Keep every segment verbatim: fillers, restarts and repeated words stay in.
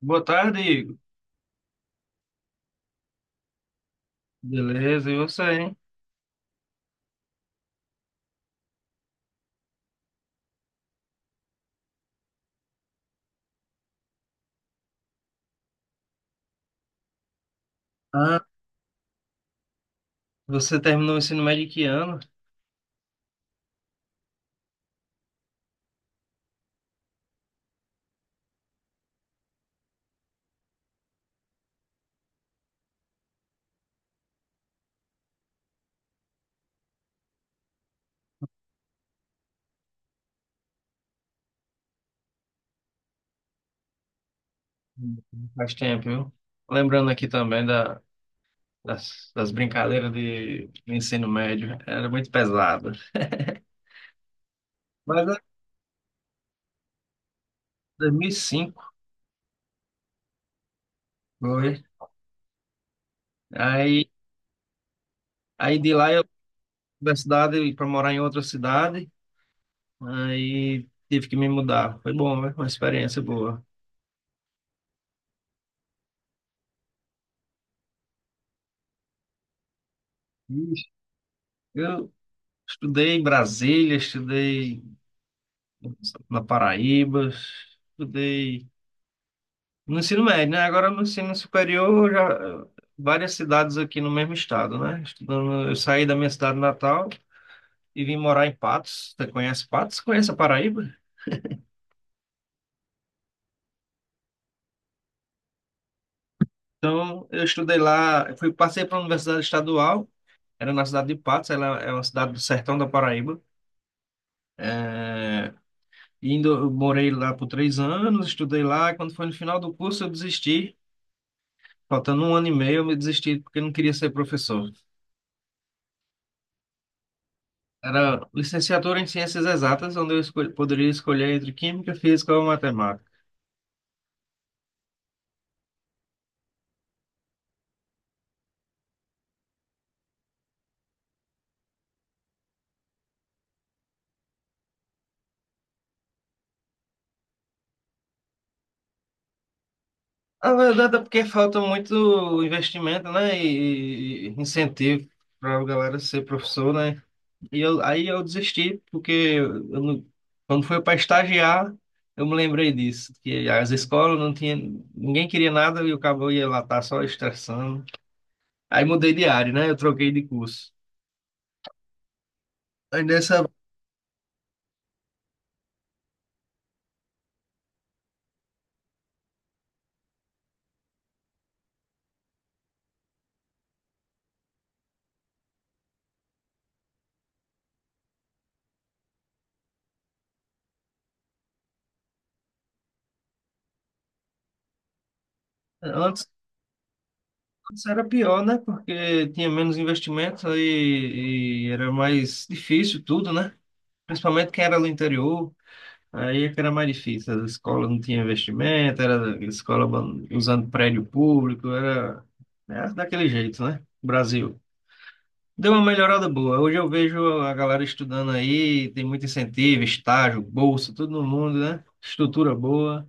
Boa tarde, Igor. Beleza, e você, hein? Ah, você terminou o ensino médio em que ano? Faz tempo, viu? Lembrando aqui também da, das, das brincadeiras de do ensino médio, era muito pesado. Mas é dois mil e cinco, foi. Aí, aí de lá eu fui pra cidade, para morar em outra cidade, aí tive que me mudar. Foi bom, né? Uma experiência boa. Ixi, eu estudei em Brasília, estudei na Paraíba, estudei no ensino médio, né? Agora no ensino superior, já várias cidades aqui no mesmo estado, né? Estudando, eu saí da minha cidade natal e vim morar em Patos. Você conhece Patos? Conhece a Paraíba? Então, eu estudei lá, eu fui, passei para a Universidade Estadual, era na cidade de Patos, ela é uma cidade do sertão da Paraíba. É, indo, eu morei lá por três anos, estudei lá. Quando foi no final do curso, eu desisti. Faltando um ano e meio, eu me desisti porque eu não queria ser professor. Era licenciatura em Ciências Exatas, onde eu escol- poderia escolher entre Química, Física ou Matemática. A verdade é porque falta muito investimento, né, e, e incentivo para a galera ser professor, né? E eu, aí eu desisti, porque eu não- quando foi para estagiar, eu me lembrei disso, que as escolas não tinha, ninguém queria nada e o cabo ia lá tá só estressando. Aí mudei de área, né? Eu troquei de curso. Aí nessa, antes isso era pior, né? Porque tinha menos investimentos aí e era mais difícil tudo, né? Principalmente quem era do interior, aí é que era mais difícil. A escola não tinha investimento, era a escola ban- usando prédio público, era, era daquele jeito, né? Brasil. Deu uma melhorada boa. Hoje eu vejo a galera estudando aí, tem muito incentivo, estágio, bolsa, tudo no mundo, né? Estrutura boa.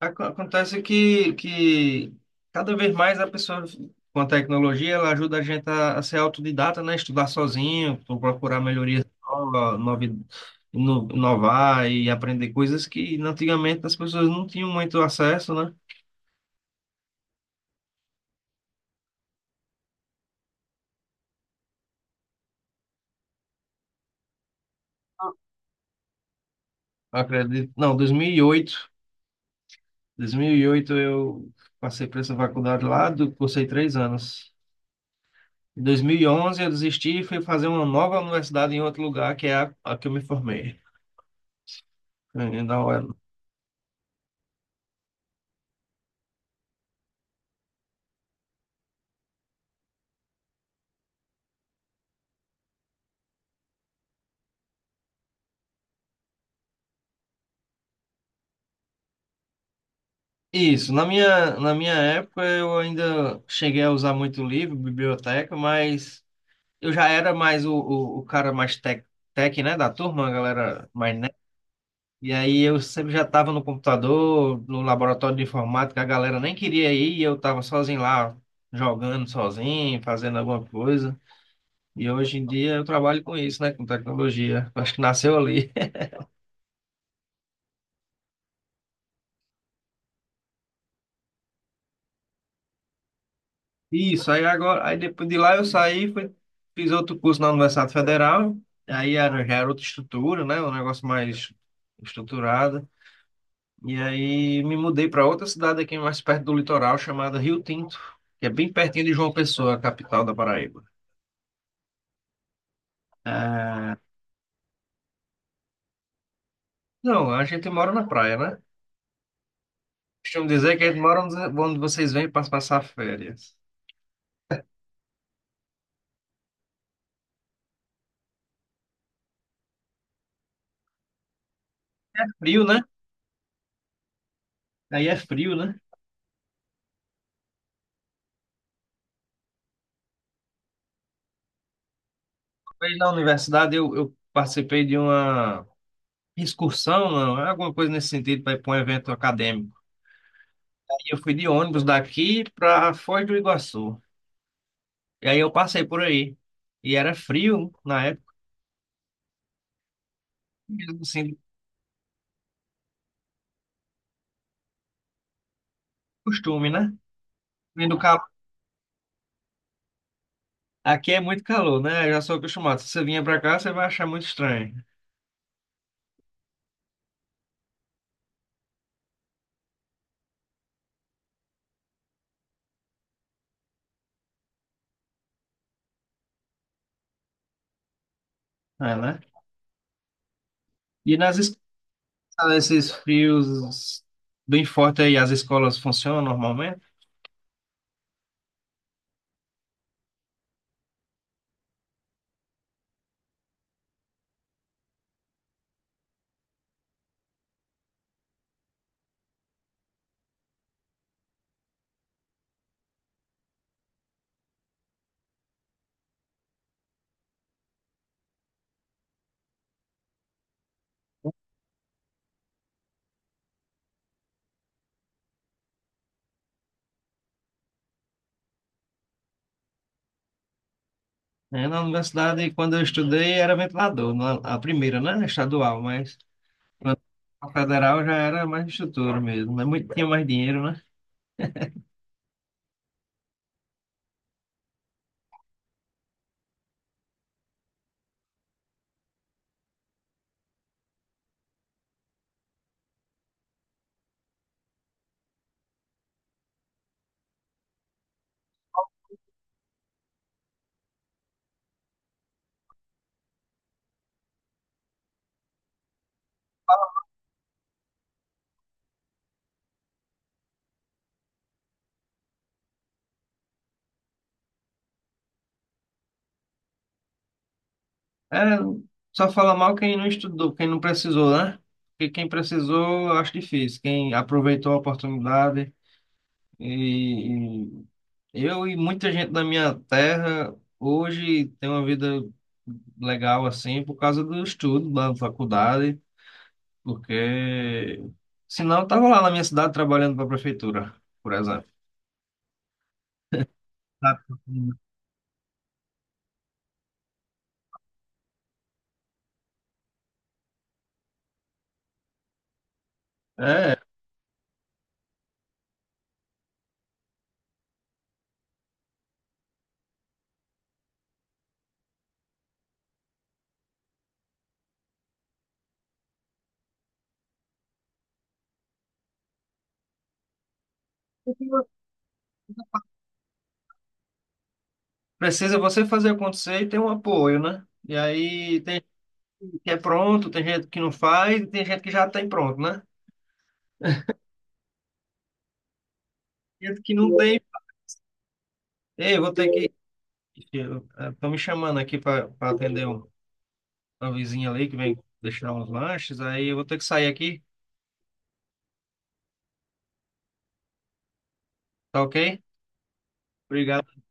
Ac- Acontece que, que cada vez mais a pessoa, com a tecnologia, ela ajuda a gente a, a ser autodidata, né? Estudar sozinho, pro- procurar melhorias novas, novi- ino- inovar e aprender coisas que antigamente as pessoas não tinham muito acesso, né? Eu acredito. Não, dois dois mil mil e oito, dois mil e oito eu passei por essa faculdade lá, do- cursei três anos. Em dois mil e onze eu desisti e fui fazer uma nova universidade em outro lugar, que é a, a que eu me formei. Eh, Da hora. Isso, na minha, na minha época eu ainda cheguei a usar muito livro, biblioteca, mas eu já era mais o, o, o cara mais tech, tech, né, da turma, a galera mais nerd. E aí eu sempre já estava no computador, no laboratório de informática, a galera nem queria ir e eu estava sozinho lá, jogando sozinho, fazendo alguma coisa. E hoje em dia eu trabalho com isso, né, com tecnologia. Acho que nasceu ali. Isso, aí agora, aí depois de lá eu saí, fui, fiz outro curso na Universidade Federal, aí era, já era outra estrutura, né? Um negócio mais estruturado. E aí me mudei para outra cidade aqui mais perto do litoral, chamada Rio Tinto, que é bem pertinho de João Pessoa, a capital da Paraíba. Ah, não, a gente mora na praia, né? Costumo dizer que a gente mora onde onde vocês vêm para passar férias. Frio, né? Aí é frio, né? Aí na universidade eu, eu participei de uma excursão, não, é alguma coisa nesse sentido, para ir para um evento acadêmico. E eu fui de ônibus daqui para Foz do Iguaçu. E aí eu passei por aí. E era frio na época, mesmo assim, do costume, né? Vindo calor. Aqui é muito calor, né? Eu já sou acostumado. Se você vinha para cá, você vai achar muito estranho, é, né? E nas escolas, esses frios bem fortes aí, as escolas funcionam normalmente? É, na universidade, quando eu estudei, era ventilador, na- a primeira, né? Estadual, mas. A federal já era mais estrutura mesmo, né? Muito, tinha mais dinheiro, né? Era, só fala mal quem não estudou, quem não precisou, né? Porque quem precisou, eu acho difícil. Quem aproveitou a oportunidade e, e eu e muita gente da minha terra hoje tem uma vida legal assim por causa do estudo da faculdade, porque senão eu tava lá na minha cidade trabalhando para a prefeitura, por exemplo. Tá. É, precisa você fazer acontecer e ter um apoio, né? E aí tem gente que é pronto, tem gente que não faz, e tem gente que já tem pronto, né? Tem gente que não tem. Ei, vou ter que. Estão me chamando aqui para atender um- uma vizinha ali que vem deixar uns lanches, aí eu vou ter que sair aqui, tá ok? Obrigado.